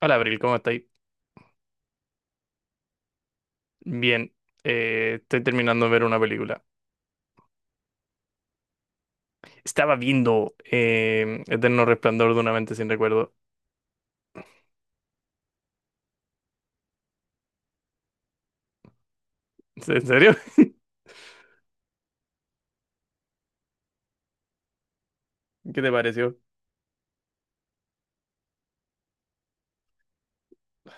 Hola, Abril, ¿cómo estáis? Bien, estoy terminando de ver una película. Estaba viendo Eterno Resplandor de una mente sin recuerdo. ¿En serio? ¿Qué te pareció?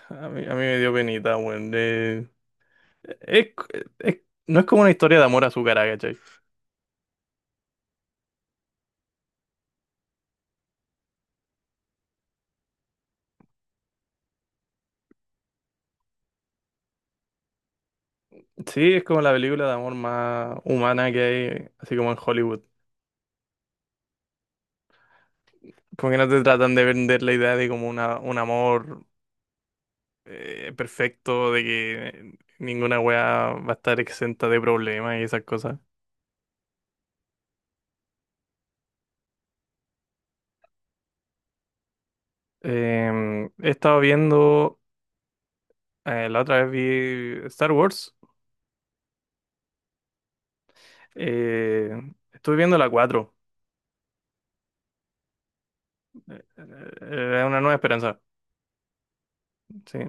A mí me dio penita, weón. Es- es- no es como una historia de amor azucarada, ¿cachai? Sí, es como la película de amor más humana que hay, así como en Hollywood. Porque no te tratan de vender la idea de como un amor perfecto, de que ninguna weá va a estar exenta de problemas y esas cosas. He estado viendo, la otra vez vi Star Wars. Eh, estuve viendo la 4. Eh, una nueva esperanza. Sí.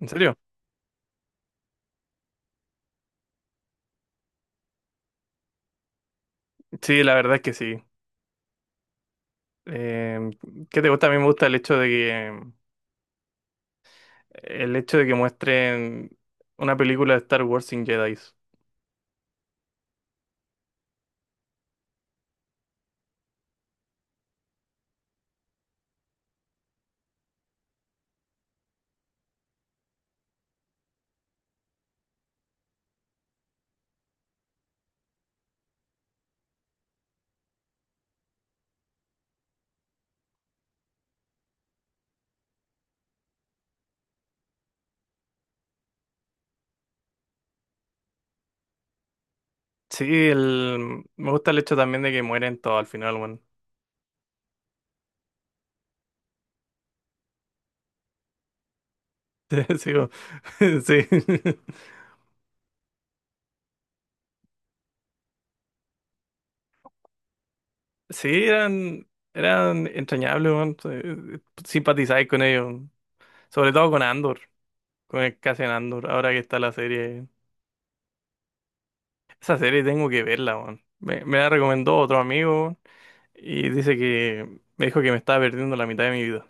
¿En serio? Sí, la verdad es que sí. Em, ¿qué te gusta? A mí me gusta el hecho de que, el hecho de que muestren una película de Star Wars sin Jedi. Sí, me gusta el hecho también de que mueren todos al final, bueno. Sí, sí. Sí, eran entrañables, weón. Simpatizáis con ellos. Sobre todo con Andor, con el Cassian Andor, ahora que está la serie. Esa serie tengo que verla, weón. Me la recomendó otro amigo weón, y dice que me dijo que me estaba perdiendo la mitad de mi vida.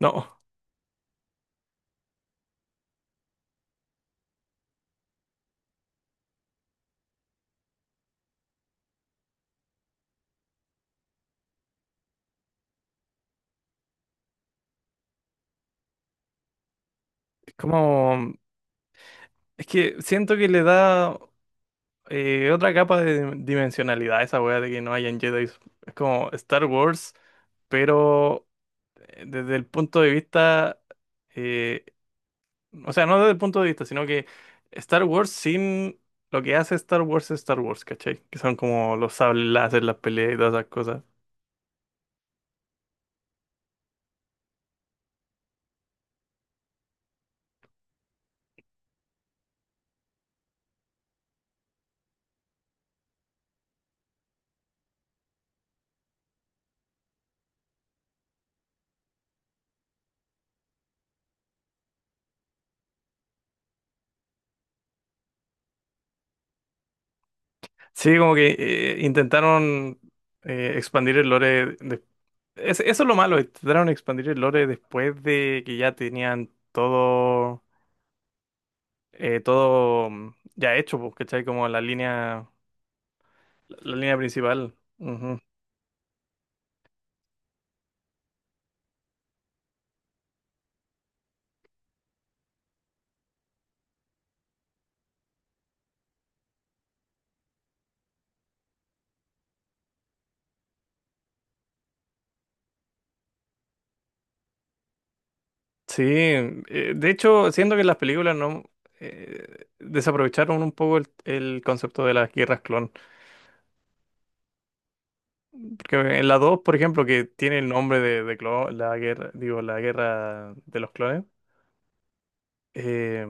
No, es como... Es que siento que le da otra capa de dimensionalidad a esa weá de que no hayan Jedi. Es como Star Wars, pero desde el punto de vista... eh, o sea, no desde el punto de vista, sino que Star Wars sin lo que hace Star Wars es Star Wars, ¿cachai? Que son como los sables láser, las peleas y todas esas cosas. Sí, como que intentaron expandir el lore. Eso es lo malo, intentaron expandir el lore después de que ya tenían todo, ya hecho, pues, ¿cachai? La línea principal. Sí, de hecho, siento que las películas no desaprovecharon un poco el concepto de las guerras clon. Porque en la 2, por ejemplo, que tiene el nombre de la guerra, digo, la guerra de los clones, eh,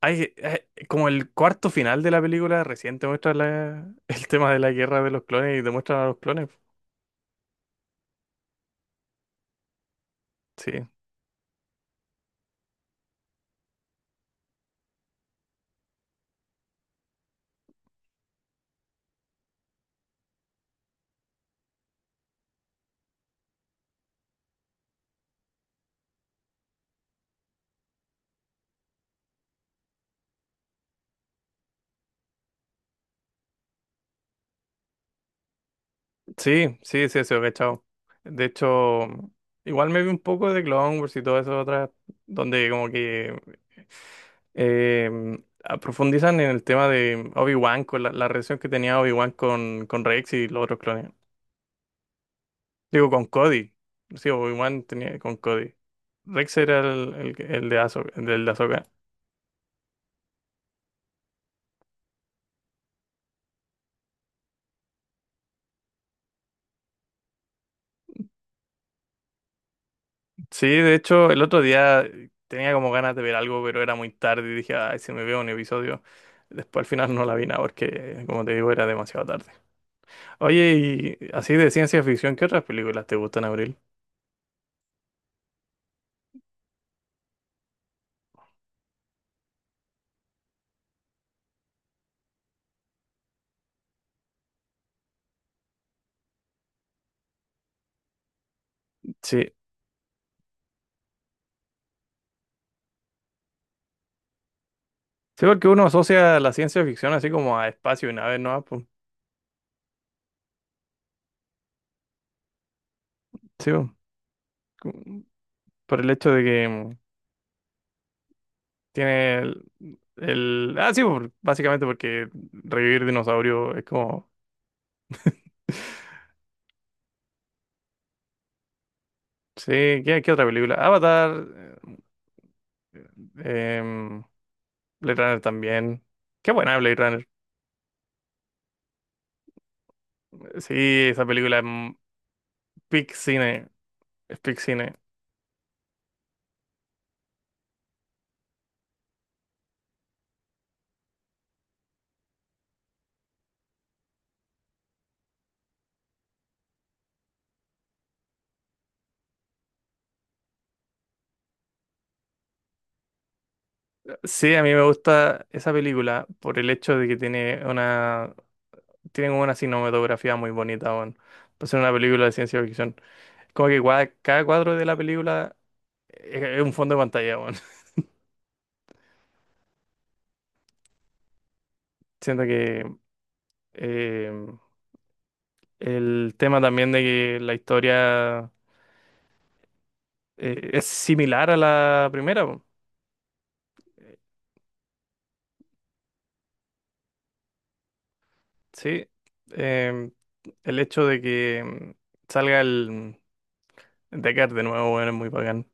como el cuarto final de la película recién te muestra el tema de la guerra de los clones y te muestran a los clones. Sí, sí, cachado. De hecho, igual me vi un poco de Clone Wars y todo eso otras, donde como que profundizan en el tema de Obi-Wan, con la relación que tenía Obi-Wan con Rex y los otros clones. Digo, con Cody. Sí, Obi-Wan tenía con Cody. Rex era el de Ahsoka, el del de Ahsoka. Sí, de hecho, el otro día tenía como ganas de ver algo, pero era muy tarde y dije, ay, si me veo un episodio. Después al final no la vi nada porque, como te digo, era demasiado tarde. Oye, y así de ciencia ficción, ¿qué otras películas te gustan, Abril? Sí. Sí, porque uno asocia la ciencia ficción así como a espacio y naves, ¿no? Pues, sí, po, como por el hecho de que tiene ah, sí, por- básicamente porque revivir dinosaurios es como... Sí, ¿qué otra película? Avatar, eh, em, Blade Runner también. Qué buena Blade Runner. Sí, esa película es peak cine, es peak cine. Sí, a mí me gusta esa película por el hecho de que tiene una... tienen una cinematografía muy bonita, weón. Para ser una película de ciencia ficción. Es como que cada cuadro de la película es un fondo de pantalla, weón. Siento que eh, el tema también de que la historia es similar a la primera, weón. Sí. Eh, el hecho de que salga el Deckard de nuevo, weón, es muy bacán.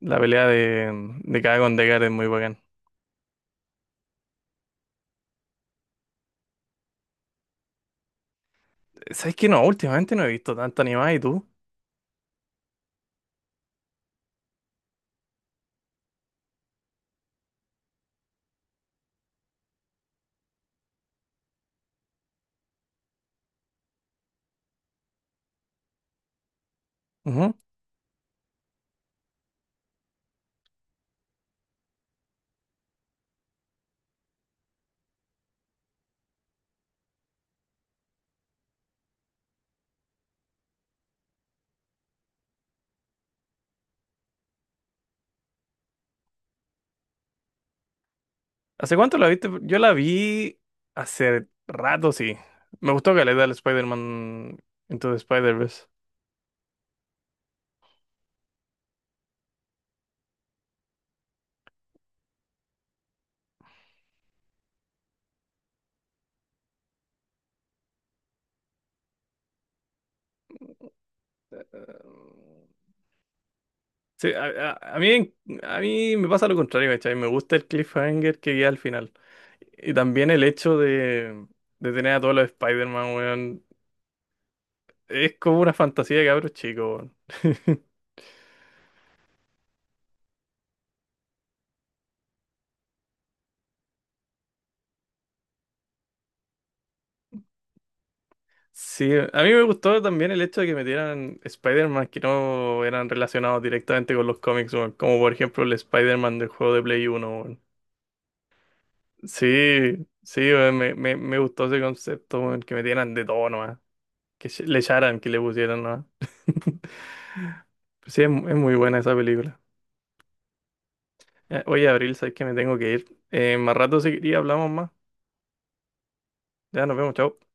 La pelea de Kaga con Deckard es muy bacán. ¿Sabes qué? No, últimamente no he visto tanto animada, ¿y tú? Ujú. ¿Hace cuánto la viste? Yo la vi hace rato, sí. Me gustó que le da el Spider-Man Into the Spider-Verse. Sí, a mí me pasa lo contrario, ¿cachai? Me gusta el cliffhanger que vi al final. Y también el hecho de tener a todos los Spider-Man, weón. Es como una fantasía de cabros chicos, weón. Sí, a mí me gustó también el hecho de que metieran Spider-Man que no eran relacionados directamente con los cómics, weón. Como por ejemplo el Spider-Man del juego de Play uno, weón. Sí, sí, weón, me gustó ese concepto, weón, que metieran de todo nomás, que le echaran, que le pusieran nomás. Pues sí, es, es muy buena esa película. Ya, oye, Abril, sabes que me tengo que ir. Más rato si quería hablamos más. Ya nos vemos, chao.